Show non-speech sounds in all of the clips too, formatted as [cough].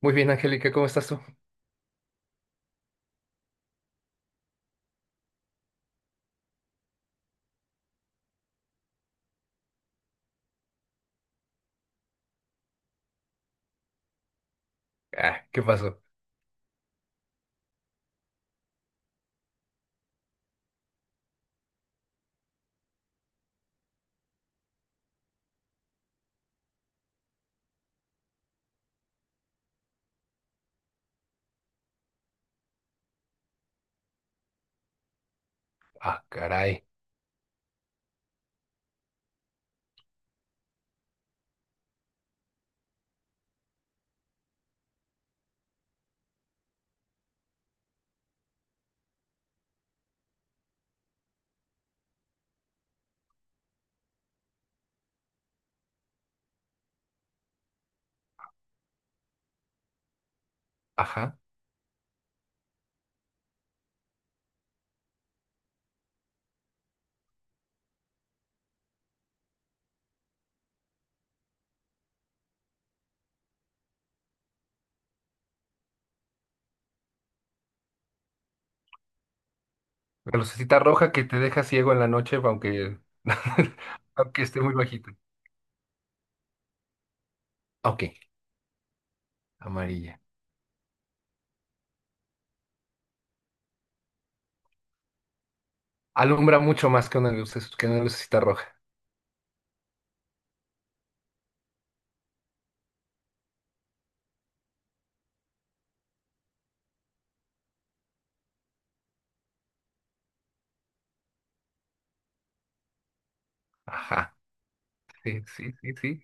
Muy bien, Angélica, ¿cómo estás tú? Ah, ¿qué pasó? Ah, caray. Ajá. La lucecita roja que te deja ciego en la noche, aunque, [laughs] aunque esté muy bajito. Ok, amarilla. Alumbra mucho más que una luz, que una lucecita roja. Ajá. Sí, sí, sí, sí.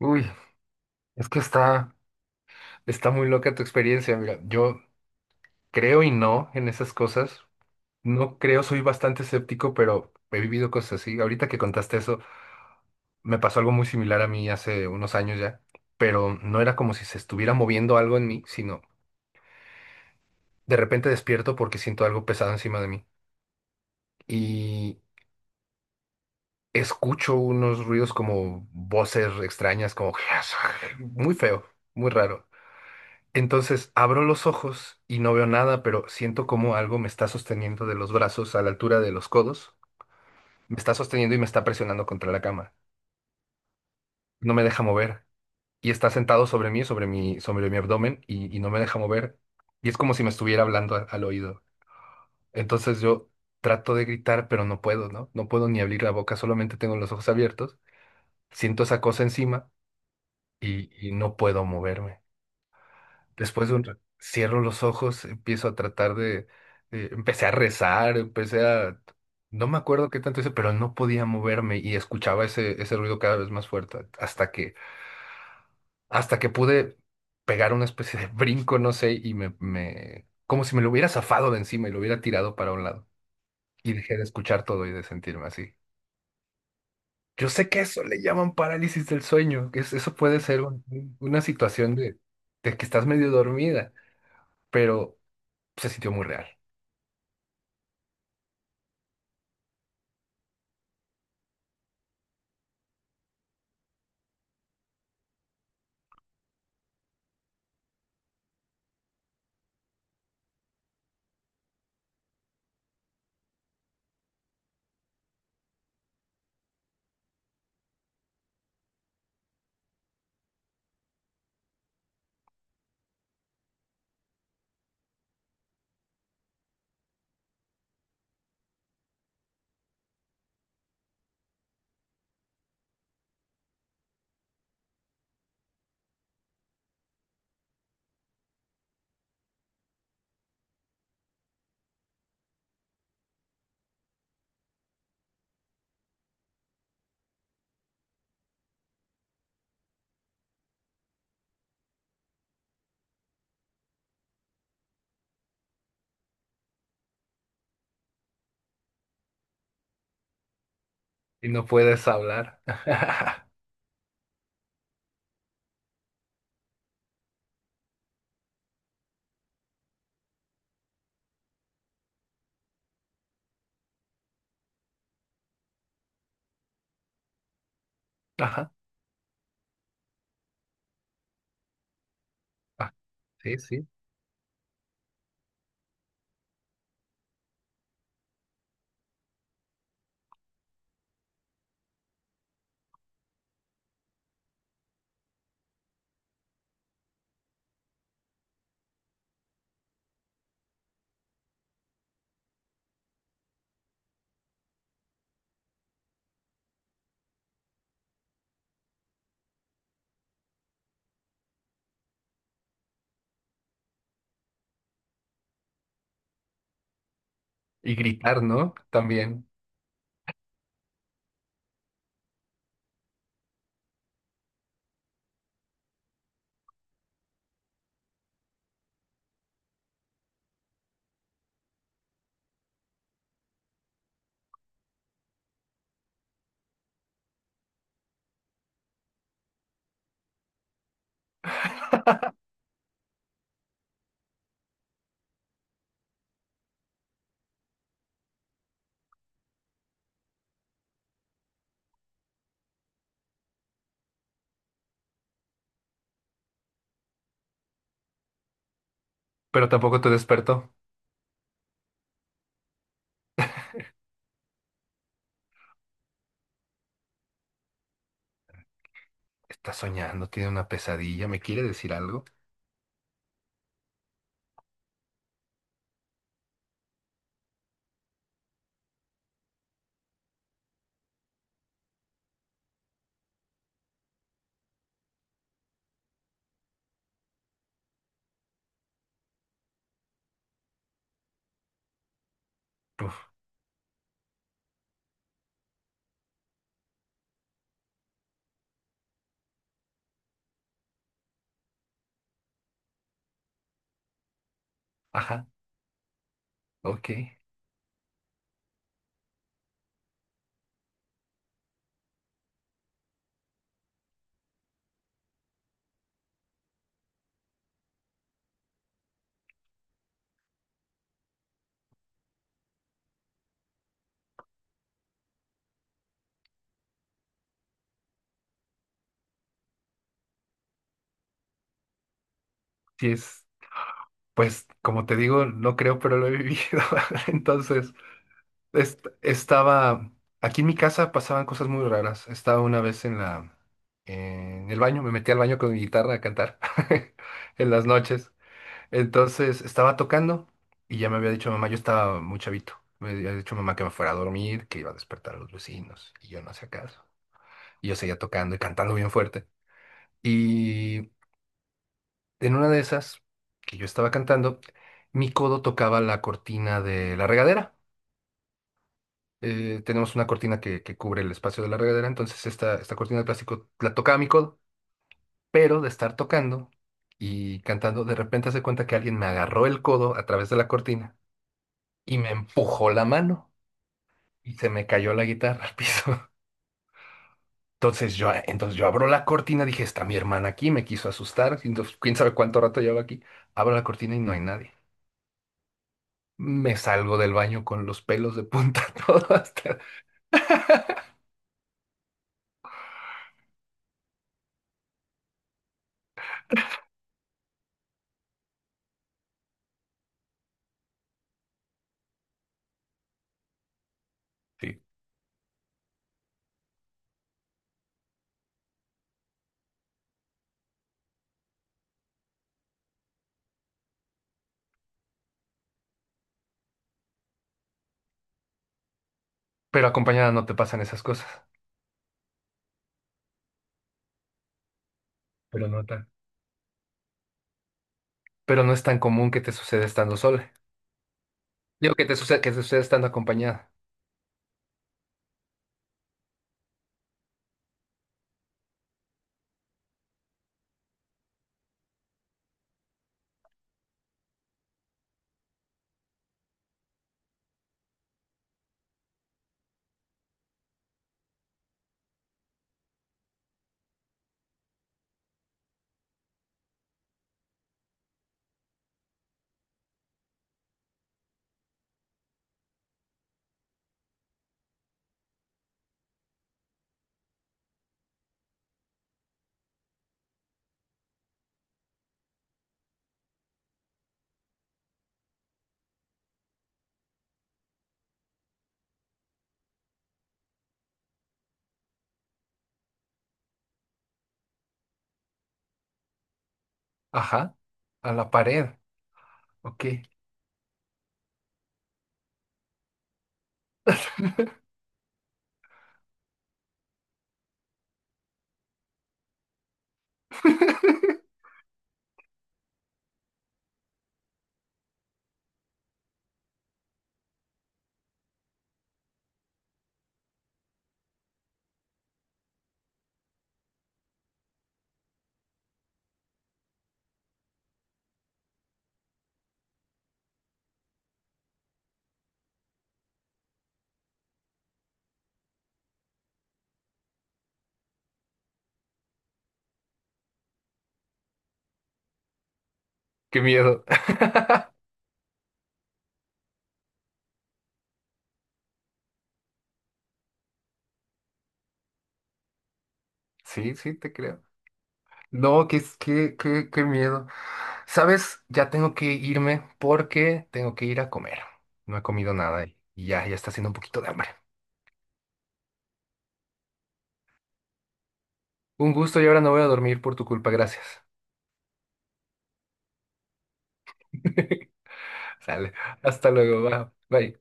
Uy, es que está muy loca tu experiencia. Mira, yo creo y no en esas cosas. No creo, soy bastante escéptico, pero he vivido cosas así. Ahorita que contaste eso, me pasó algo muy similar a mí hace unos años ya, pero no era como si se estuviera moviendo algo en mí, sino de repente despierto porque siento algo pesado encima de mí y escucho unos ruidos como voces extrañas, como [laughs] muy feo, muy raro. Entonces abro los ojos y no veo nada, pero siento como algo me está sosteniendo de los brazos a la altura de los codos, me está sosteniendo y me está presionando contra la cama. No me deja mover. Y está sentado sobre mí, sobre mi abdomen, y no me deja mover. Y es como si me estuviera hablando al oído. Entonces yo trato de gritar, pero no puedo, ¿no? No puedo ni abrir la boca, solamente tengo los ojos abiertos. Siento esa cosa encima y no puedo moverme. Después de un cierro los ojos, empiezo a tratar de… empecé a rezar, empecé a… No me acuerdo qué tanto hice, pero no podía moverme y escuchaba ese ruido cada vez más fuerte hasta que pude pegar una especie de [laughs] brinco, no sé, y como si me lo hubiera zafado de encima y lo hubiera tirado para un lado. Y dejé de escuchar todo y de sentirme así. Yo sé que eso le llaman parálisis del sueño, que eso puede ser una situación de que estás medio dormida, pero se sintió muy real. Y no puedes hablar. [laughs] Ajá. Ah, sí, sí. Y gritar, ¿no? También. Pero tampoco te despertó. Está soñando, tiene una pesadilla, ¿me quiere decir algo? Uf, ajá, ok. Sí es, pues como te digo, no creo, pero lo he vivido. [laughs] Entonces, est- estaba, aquí en mi casa pasaban cosas muy raras. Estaba una vez en en el baño, me metí al baño con mi guitarra a cantar [laughs] en las noches. Entonces estaba tocando y ya me había dicho mamá, yo estaba muy chavito. Me había dicho mamá que me fuera a dormir, que iba a despertar a los vecinos y yo no hacía caso. Y yo seguía tocando y cantando bien fuerte. Y en una de esas que yo estaba cantando, mi codo tocaba la cortina de la regadera. Tenemos una cortina que cubre el espacio de la regadera, entonces esta cortina de plástico la tocaba mi codo, pero de estar tocando y cantando, de repente hace cuenta que alguien me agarró el codo a través de la cortina y me empujó la mano. Y se me cayó la guitarra al piso. [laughs] Entonces yo abro la cortina, dije, está mi hermana aquí, me quiso asustar, entonces, quién sabe cuánto rato llevo aquí. Abro la cortina y no hay nadie. Me salgo del baño con los pelos de punta, [laughs] todo hasta… Sí. Pero acompañada no te pasan esas cosas. Pero no tan. Pero no es tan común que te suceda estando sola. Digo que te sucede, que te suceda estando acompañada. Ajá, a la pared. Ok. [laughs] Qué miedo. Sí, sí, te creo. No, qué miedo. Sabes, ya tengo que irme porque tengo que ir a comer. No he comido nada y ya está haciendo un poquito de hambre. Un gusto y ahora no voy a dormir por tu culpa, gracias. [laughs] Sale, hasta luego, va. Bye.